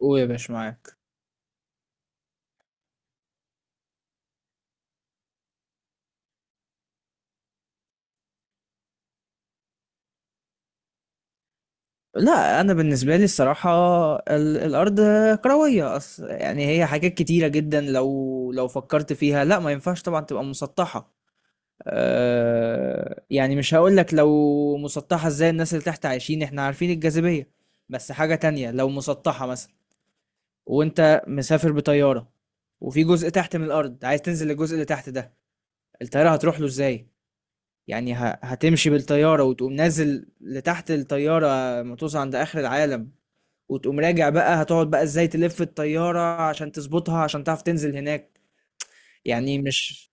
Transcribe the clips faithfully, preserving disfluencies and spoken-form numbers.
قول يا باشا معاك. لا، انا بالنسبه لي الصراحه ال- الارض كرويه. اصل يعني هي حاجات كتيره جدا، لو لو فكرت فيها، لا ما ينفعش طبعا تبقى مسطحه. أه، يعني مش هقول لك لو مسطحه ازاي الناس اللي تحت عايشين، احنا عارفين الجاذبيه. بس حاجه تانية، لو مسطحه مثلا وانت مسافر بطياره، وفي جزء تحت من الارض عايز تنزل للجزء اللي تحت ده، الطياره هتروح له ازاي؟ يعني ه- هتمشي بالطيارة وتقوم نازل لتحت الطيارة، ما توصل عند آخر العالم وتقوم راجع. بقى هتقعد بقى ازاي تلف الطيارة عشان تظبطها عشان تعرف تنزل هناك؟ يعني مش.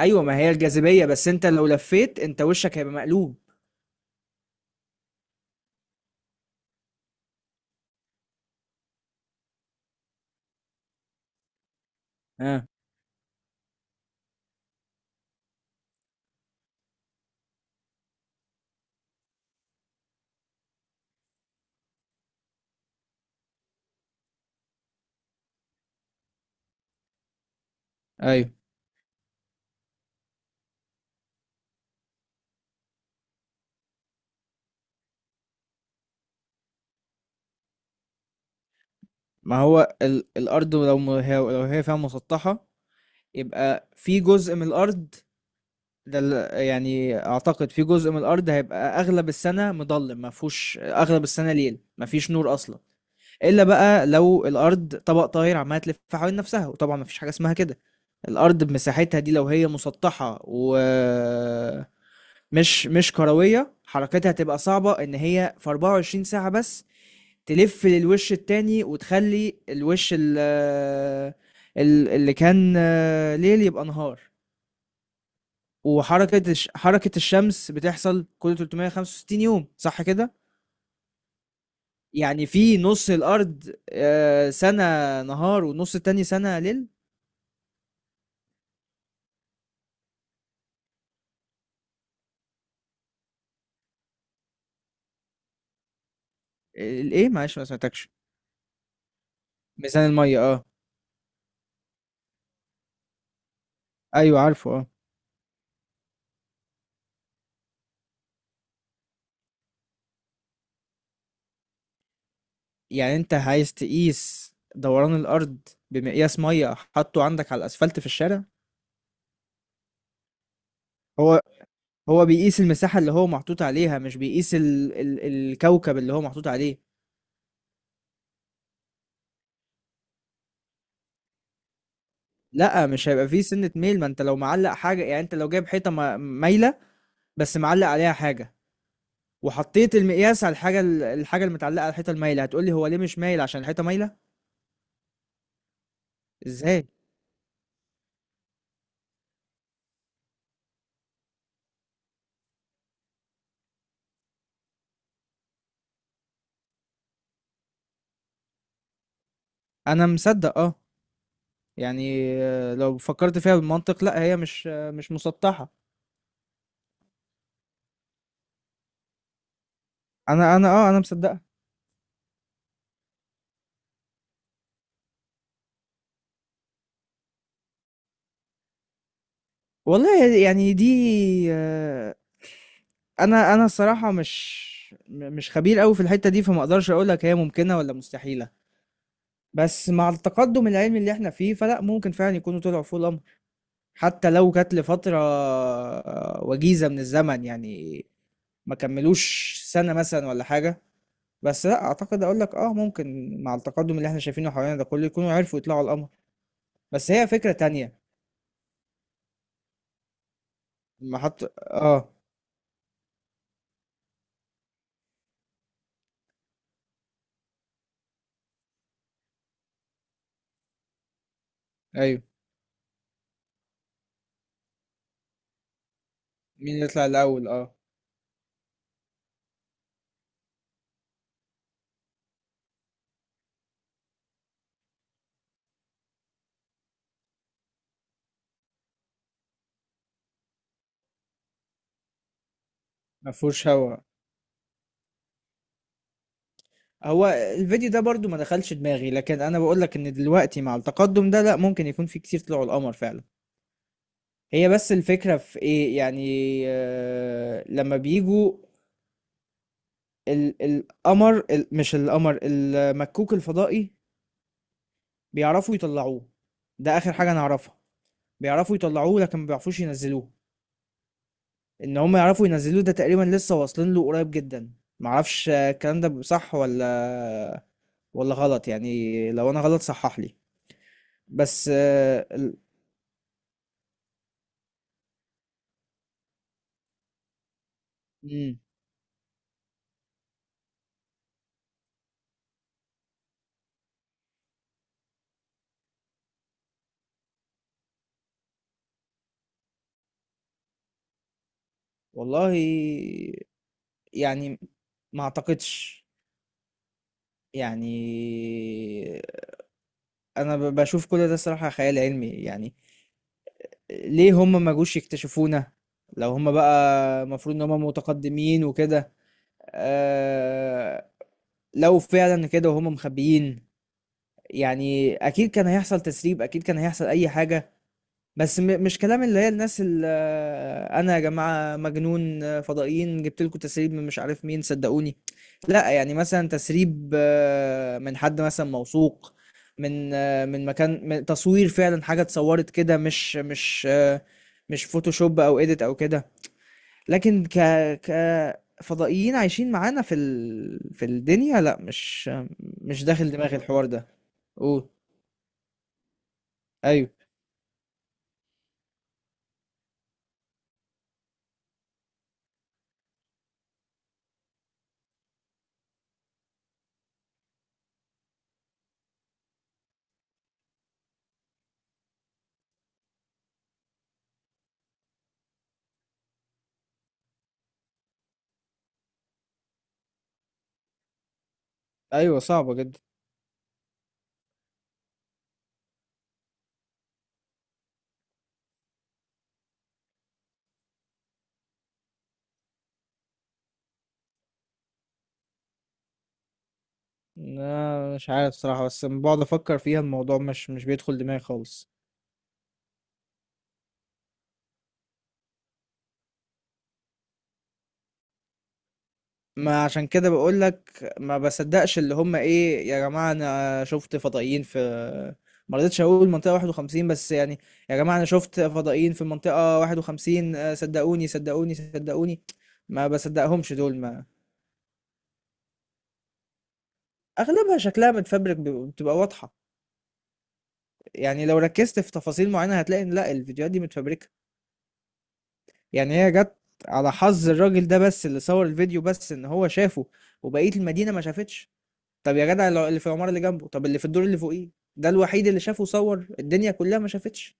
ايوه، ما هي الجاذبية، بس انت لو لفيت انت وشك هيبقى مقلوب. اه. ايوه، ما هو ال... الارض لو م... هي... لو هي فيها مسطحة، يبقى في جزء من الارض. ده ال- يعني اعتقد في جزء من الارض هيبقى اغلب السنه مظلم، ما فيهوش، اغلب السنه ليل، ما فيش نور اصلا. الا بقى لو الارض طبق طاير عماله تلف حوالين نفسها، وطبعا ما فيش حاجه اسمها كده. الارض بمساحتها دي لو هي مسطحه ومش مش مش كرويه، حركتها هتبقى صعبه، ان هي في 24 ساعه بس تلف للوش التاني وتخلي الوش ال- ال- اللي كان ليل يبقى نهار. وحركة الش... حركة الشمس بتحصل كل 365 يوم، صح كده؟ يعني في نص الأرض آه، سنة نهار والنص التاني سنة ليل. الإيه؟ معلش ما سمعتكش. ميزان المية، اه. أيوه عارفه، اه. يعني أنت عايز تقيس دوران الأرض بمقياس مية حاطه عندك على الأسفلت في الشارع؟ هو هو بيقيس المساحة اللي هو محطوط عليها، مش بيقيس ال... ال... الكوكب اللي هو محطوط عليه. لا، مش هيبقى فيه سنة ميل. ما انت لو معلق حاجة، يعني انت لو جايب حيطة ما- مايلة بس معلق عليها حاجة، وحطيت المقياس على الحاجة، الحاجة المتعلقة على الحيطة المايلة هتقولي هو ليه مش مايل؟ عشان الحيطة مايلة. ازاي؟ انا مصدق، اه. يعني آه، لو فكرت فيها بالمنطق، لا هي مش آه، مش مسطحة. انا انا اه انا مصدقها. والله يعني دي آه، انا انا الصراحة مش م- مش خبير قوي في الحتة دي، فما اقدرش اقول لك هي ممكنة ولا مستحيلة. بس مع التقدم العلمي اللي احنا فيه، فلا، ممكن فعلا يكونوا طلعوا فوق الامر، حتى لو كانت لفترة وجيزة من الزمن، يعني ما كملوش سنة مثلا ولا حاجة. بس لا، اعتقد اقول لك اه، ممكن مع التقدم اللي احنا شايفينه حوالينا ده كله يكونوا عرفوا يطلعوا على القمر. بس هي فكرة تانية لما حط اه. ايوه، مين يطلع الاول، اه. ما فيهوش هوا. هو الفيديو ده برضو ما دخلش دماغي، لكن انا بقول لك ان دلوقتي مع التقدم ده، لا، ممكن يكون في كتير طلعوا القمر فعلا. هي بس الفكرة في ايه يعني؟ آه لما بيجوا ال القمر ال مش القمر المكوك الفضائي، بيعرفوا يطلعوه. ده اخر حاجة انا اعرفها، بيعرفوا يطلعوه لكن ما بيعرفوش ينزلوه. ان هم يعرفوا ينزلوه، ده تقريبا لسه واصلين له قريب جدا. معرفش آه، الكلام ده صح ولا ولا غلط. يعني لو انا غلط صحح لي. بس آه، ال... مم. والله يعني، ما اعتقدش. يعني انا ب- بشوف كل ده الصراحة خيال علمي يعني. ليه هم ما جوش يكتشفونا لو هم بقى المفروض ان هم متقدمين وكده؟ آه، لو فعلا كده وهم مخبيين، يعني اكيد كان هيحصل تسريب، اكيد كان هيحصل اي حاجة. بس م- مش كلام اللي هي الناس اللي: انا يا جماعه مجنون آه، فضائيين، جبت لكم تسريب من مش عارف مين، صدقوني. لا، يعني مثلا تسريب آه، من حد مثلا موثوق، من آه، من مكان، من تصوير فعلا حاجه اتصورت كده، مش مش آه، مش فوتوشوب او اديت او كده. لكن ك ك فضائيين عايشين معانا في ال... في الدنيا، لا، مش مش داخل دماغي الحوار ده. قول. ايوه. ايوه، صعبه جدا. لا مش عارف صراحة، بس لما بقعد افكر فيها الموضوع مش مش بيدخل دماغي خالص. ما عشان كده بقول لك ما بصدقش اللي هم: ايه يا جماعة انا شفت فضائيين في. ما رضيتش اقول منطقة واحد وخمسين بس يعني. يا جماعة انا شفت فضائيين في منطقة واحد وخمسين، آه، صدقوني صدقوني صدقوني. ما بصدقهمش دول. ما اغلبها شكلها متفبرك، بيبقى- بتبقى واضحة، يعني لو ركزت في تفاصيل معينة هتلاقي ان لا، الفيديوهات دي متفبركة. يعني هي جت على حظ الراجل ده بس اللي صور الفيديو، بس ان هو شافه وبقية المدينة ما شافتش. طب يا جدع، لو- اللي في العمارة اللي جنبه، طب اللي في الدور اللي فوقيه؟ ده الوحيد اللي شافه؟ صور الدنيا كلها ما شافتش.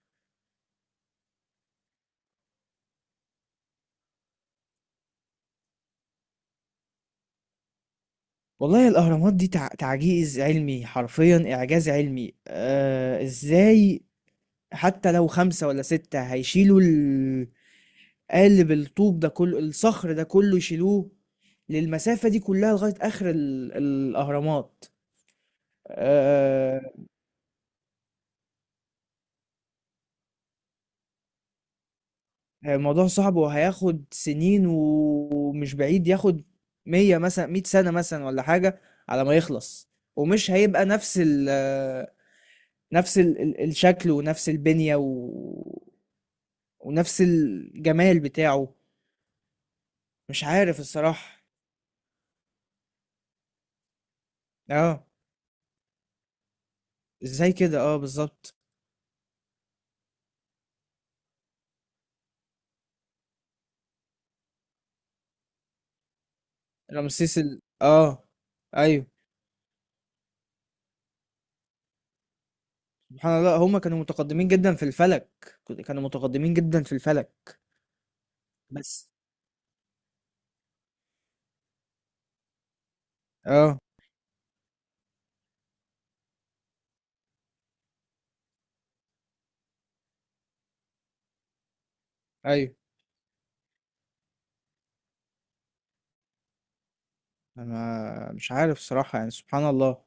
والله الأهرامات دي تع... تعجيز علمي، حرفيا إعجاز علمي. آه إزاي حتى لو خمسة ولا ستة هيشيلوا ال... قالب الطوب ده كله، الصخر ده كله، يشيلوه للمسافة دي كلها لغاية آخر ال- الأهرامات. آه، الموضوع صعب وهياخد سنين، ومش بعيد ياخد مية مثلا، مية سنة مثلا ولا حاجة، على ما يخلص. ومش هيبقى نفس ال نفس ال ال- الشكل، ونفس البنية و... ونفس الجمال بتاعه. مش عارف الصراحة. اه. ازاي كده؟ اه بالظبط. رمسيس ال اه ايوه. سبحان الله، هما كانوا متقدمين جدا في الفلك. كانوا متقدمين جدا في الفلك. بس. اه. ايوه. أنا مش عارف صراحة يعني، سبحان الله.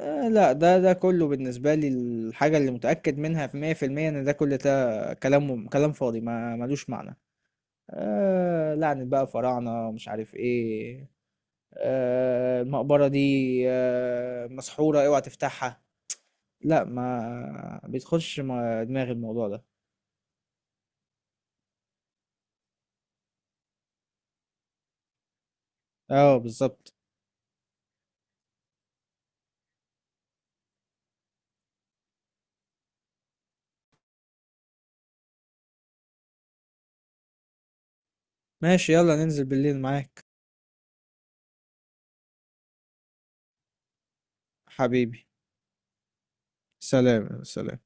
آه لا، ده ده كله بالنسبة لي الحاجة اللي متأكد منها في مية في المية، إن ده كل ده كلام كلام فاضي، ما ملوش معنى. آه، لعنة بقى فراعنة، مش عارف إيه. آه، المقبرة دي آه مسحورة، أوعى تفتحها. لا، ما بيدخلش ما- دماغي الموضوع ده. اه بالظبط. ماشي، يلا ننزل بالليل معاك. حبيبي. سلام سلام.